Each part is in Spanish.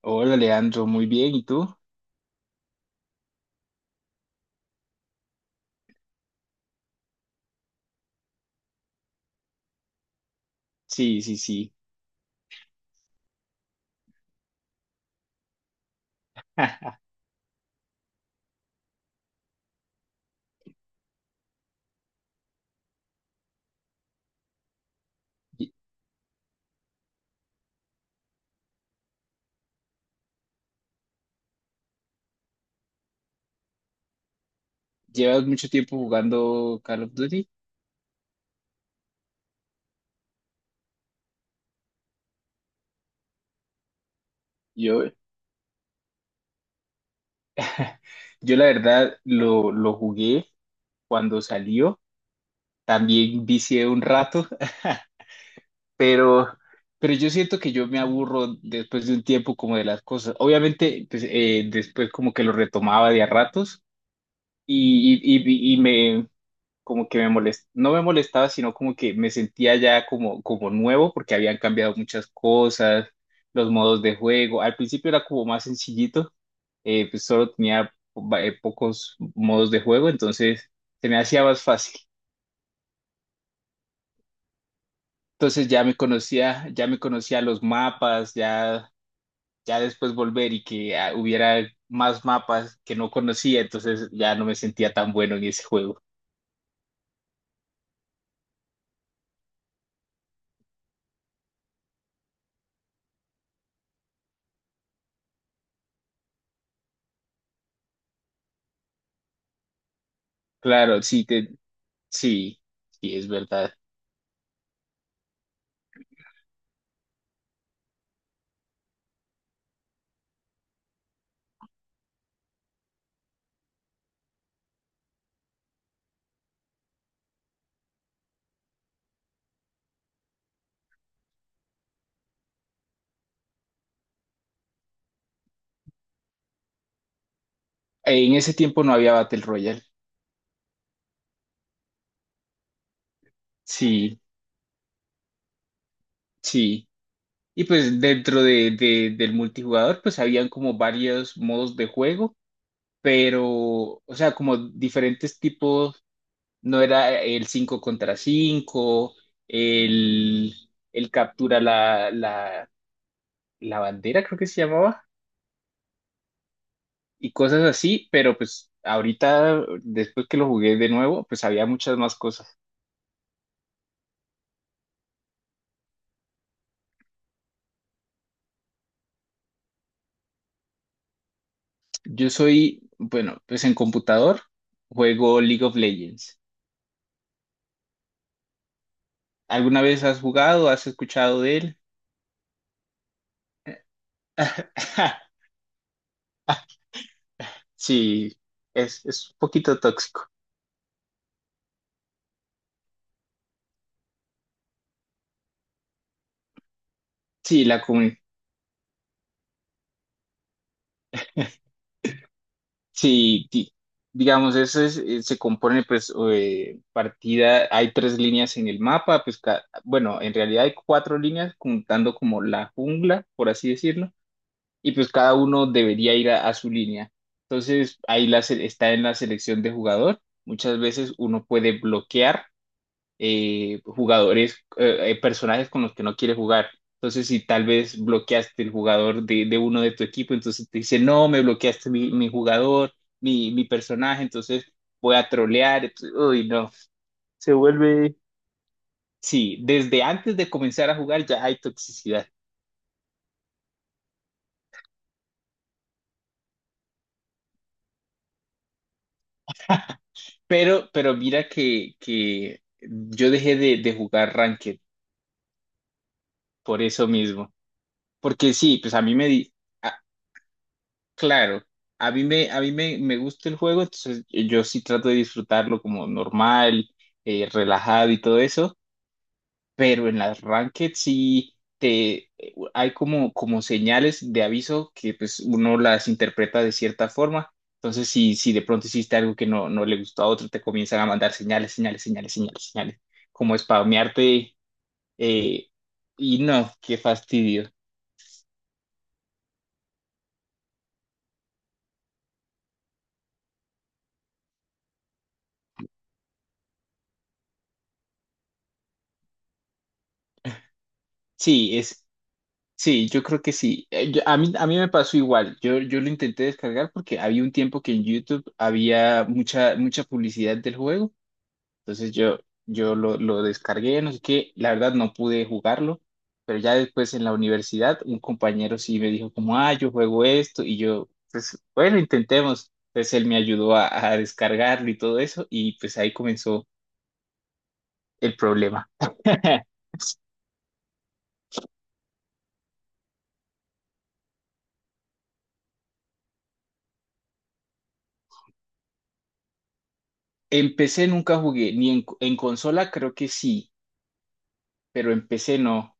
Hola, Leandro, muy bien. ¿Y tú? Sí, sí, sí. Lle- ¿Llevas mucho tiempo jugando Call of Duty? Yo, yo la verdad lo jugué cuando salió. También vicié un rato, pero, pero yo siento que yo me aburro después de un tiempo como de las cosas. Obviamente, pues, después como que lo retomaba de a ratos y, y, y, y me, como que no me molestaba, sino como que me sentía ya como, como nuevo porque habían cambiado muchas cosas, los modos de juego. Al principio era como más sencillito, pues solo tenía pocos modos de juego, entonces se me hacía más fácil. Entonces ya me conocía los mapas, ya, ya después volver y que ah, hubiera más mapas que no conocía, entonces ya no me sentía tan bueno en ese juego. Claro, sí, te, sí, sí, es verdad. En ese tiempo no había Battle Royale. Sí, sí. Y pues dentro de, del multijugador, pues habían como varios modos de juego, pero, o sea, como diferentes tipos, no era el 5 contra 5 el, el captura la bandera, creo que se llamaba, y cosas así, pero pues ahorita, después que lo jugué de nuevo, pues había muchas más cosas. Yo soy, bueno, pues en computador juego League of Legends. ¿Alguna vez has jugado? ¿Has escuchado de él? Sí, es un poquito tóxico. Sí, la comunidad. Sí, digamos, eso es, se compone, pues, partida, hay tres líneas en el mapa, pues, bueno, en realidad hay cuatro líneas, contando como la jungla, por así decirlo, y pues cada uno debería ir a su línea. Entonces, ahí está en la selección de jugador. Muchas veces uno puede bloquear jugadores, personajes con los que no quiere jugar. Entonces, si tal vez bloqueaste el jugador de uno de tu equipo, entonces te dice, no, me bloqueaste mi jugador, mi personaje, entonces voy a trolear. Entonces, uy, no. Se vuelve... Sí, desde antes de comenzar a jugar ya hay toxicidad. Pero mira que yo dejé de jugar Ranked por eso mismo. Porque sí, pues a mí me, a, claro, me gusta el juego, entonces yo sí trato de disfrutarlo como normal, relajado y todo eso, pero en las ranked sí te, hay como, como señales de aviso que pues uno las interpreta de cierta forma, entonces si de pronto hiciste algo que no le gustó a otro, te comienzan a mandar señales, señales, señales, señales, señales, como spamearte eh, y no, qué fastidio. Sí, es... Sí, yo creo que sí. A mí me pasó igual. Yo lo intenté descargar porque había un tiempo que en YouTube había mucha, mucha publicidad del juego. Entonces yo lo descargué, no sé qué. La verdad no pude jugarlo, pero ya después en la universidad un compañero sí me dijo como, ah, yo juego esto. Y yo, pues bueno, intentemos. Entonces él me ayudó a descargarlo y todo eso y pues ahí comenzó el problema. Empecé, nunca jugué, ni en, en consola creo que sí, pero empecé no.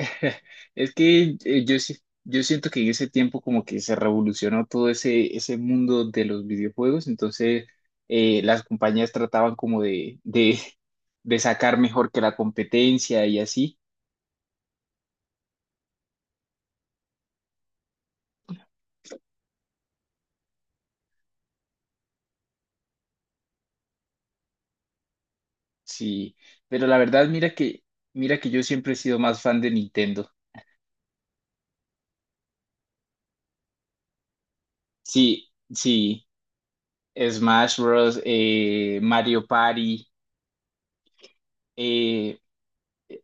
Es que yo siento que en ese tiempo como que se revolucionó todo ese, ese mundo de los videojuegos, entonces las compañías trataban como de sacar mejor que la competencia y así, sí, pero la verdad mira que yo siempre he sido más fan de Nintendo, sí, sí, Smash Bros., Mario Party, eh,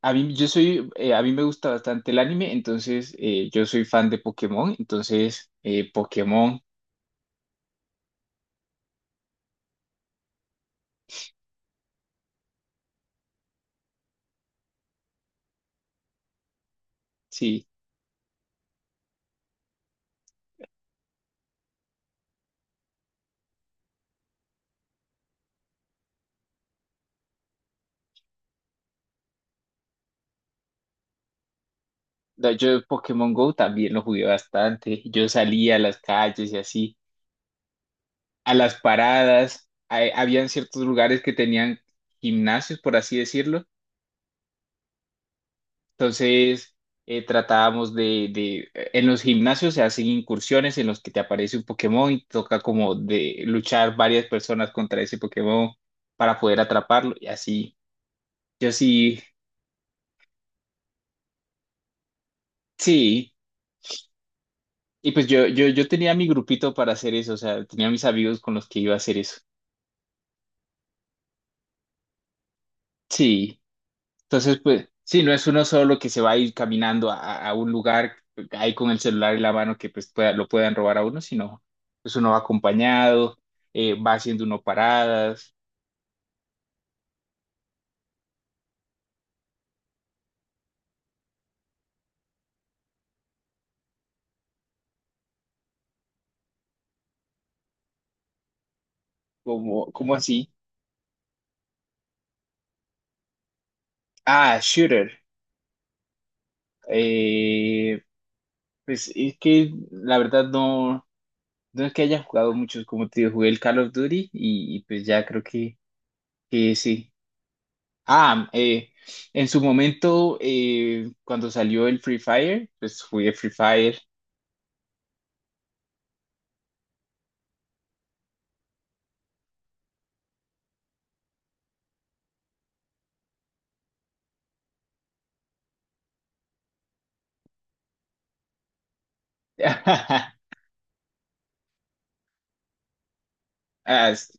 a mí, yo soy, a mí me gusta bastante el anime, entonces yo soy fan de Pokémon, entonces Pokémon, sí. No, yo Pokémon Go también lo jugué bastante, yo salía a las calles y así, a las paradas, habían ciertos lugares que tenían gimnasios, por así decirlo, entonces tratábamos de en los gimnasios se hacen incursiones en los que te aparece un Pokémon y toca como de luchar varias personas contra ese Pokémon para poder atraparlo y así. Yo sí, sí. Y pues yo tenía mi grupito para hacer eso, o sea, tenía mis amigos con los que iba a hacer eso. Sí. Entonces, pues, sí, no es uno solo que se va a ir caminando a, a un lugar ahí con el celular en la mano que lo puedan robar a uno, sino pues uno va acompañado, va haciendo uno paradas, como, como así. Ah, shooter. Eh, pues es que la verdad no, no es que haya jugado muchos, como te digo, jugué el Call of Duty y pues ya creo que sí. Ah, en su momento, cuando salió el Free Fire, pues jugué Free Fire. Ah, sí,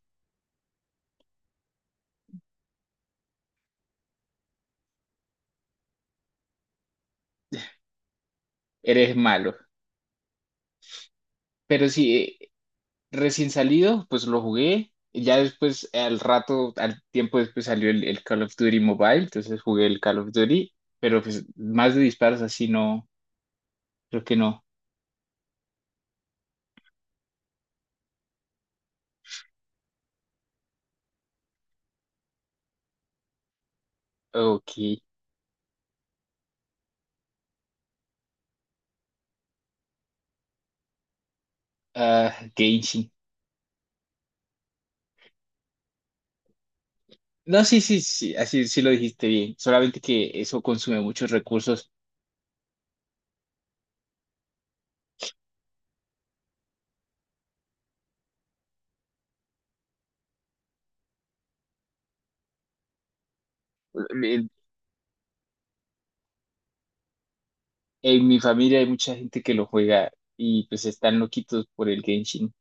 eres malo. Pero sí, recién salido, pues lo jugué. Y ya después, al rato, al tiempo después salió el Call of Duty Mobile, entonces jugué el Call of Duty, pero pues más de disparos así no, creo que no. Ok. Ah, Genshin. No, sí, sí, sí, así sí lo dijiste bien. Solamente que eso consume muchos recursos. En mi familia hay mucha gente que lo juega y pues están loquitos por el Genshin.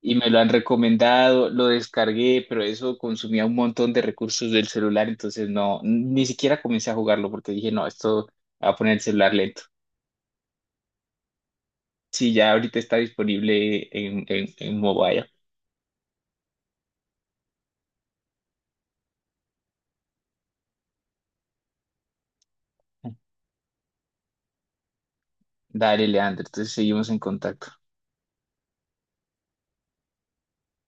Y me lo han recomendado, lo descargué, pero eso consumía un montón de recursos del celular, entonces no, ni siquiera comencé a jugarlo porque dije, no, esto va a poner el celular lento. Sí, ya ahorita está disponible en mobile. Dale, Leandro, entonces seguimos en contacto.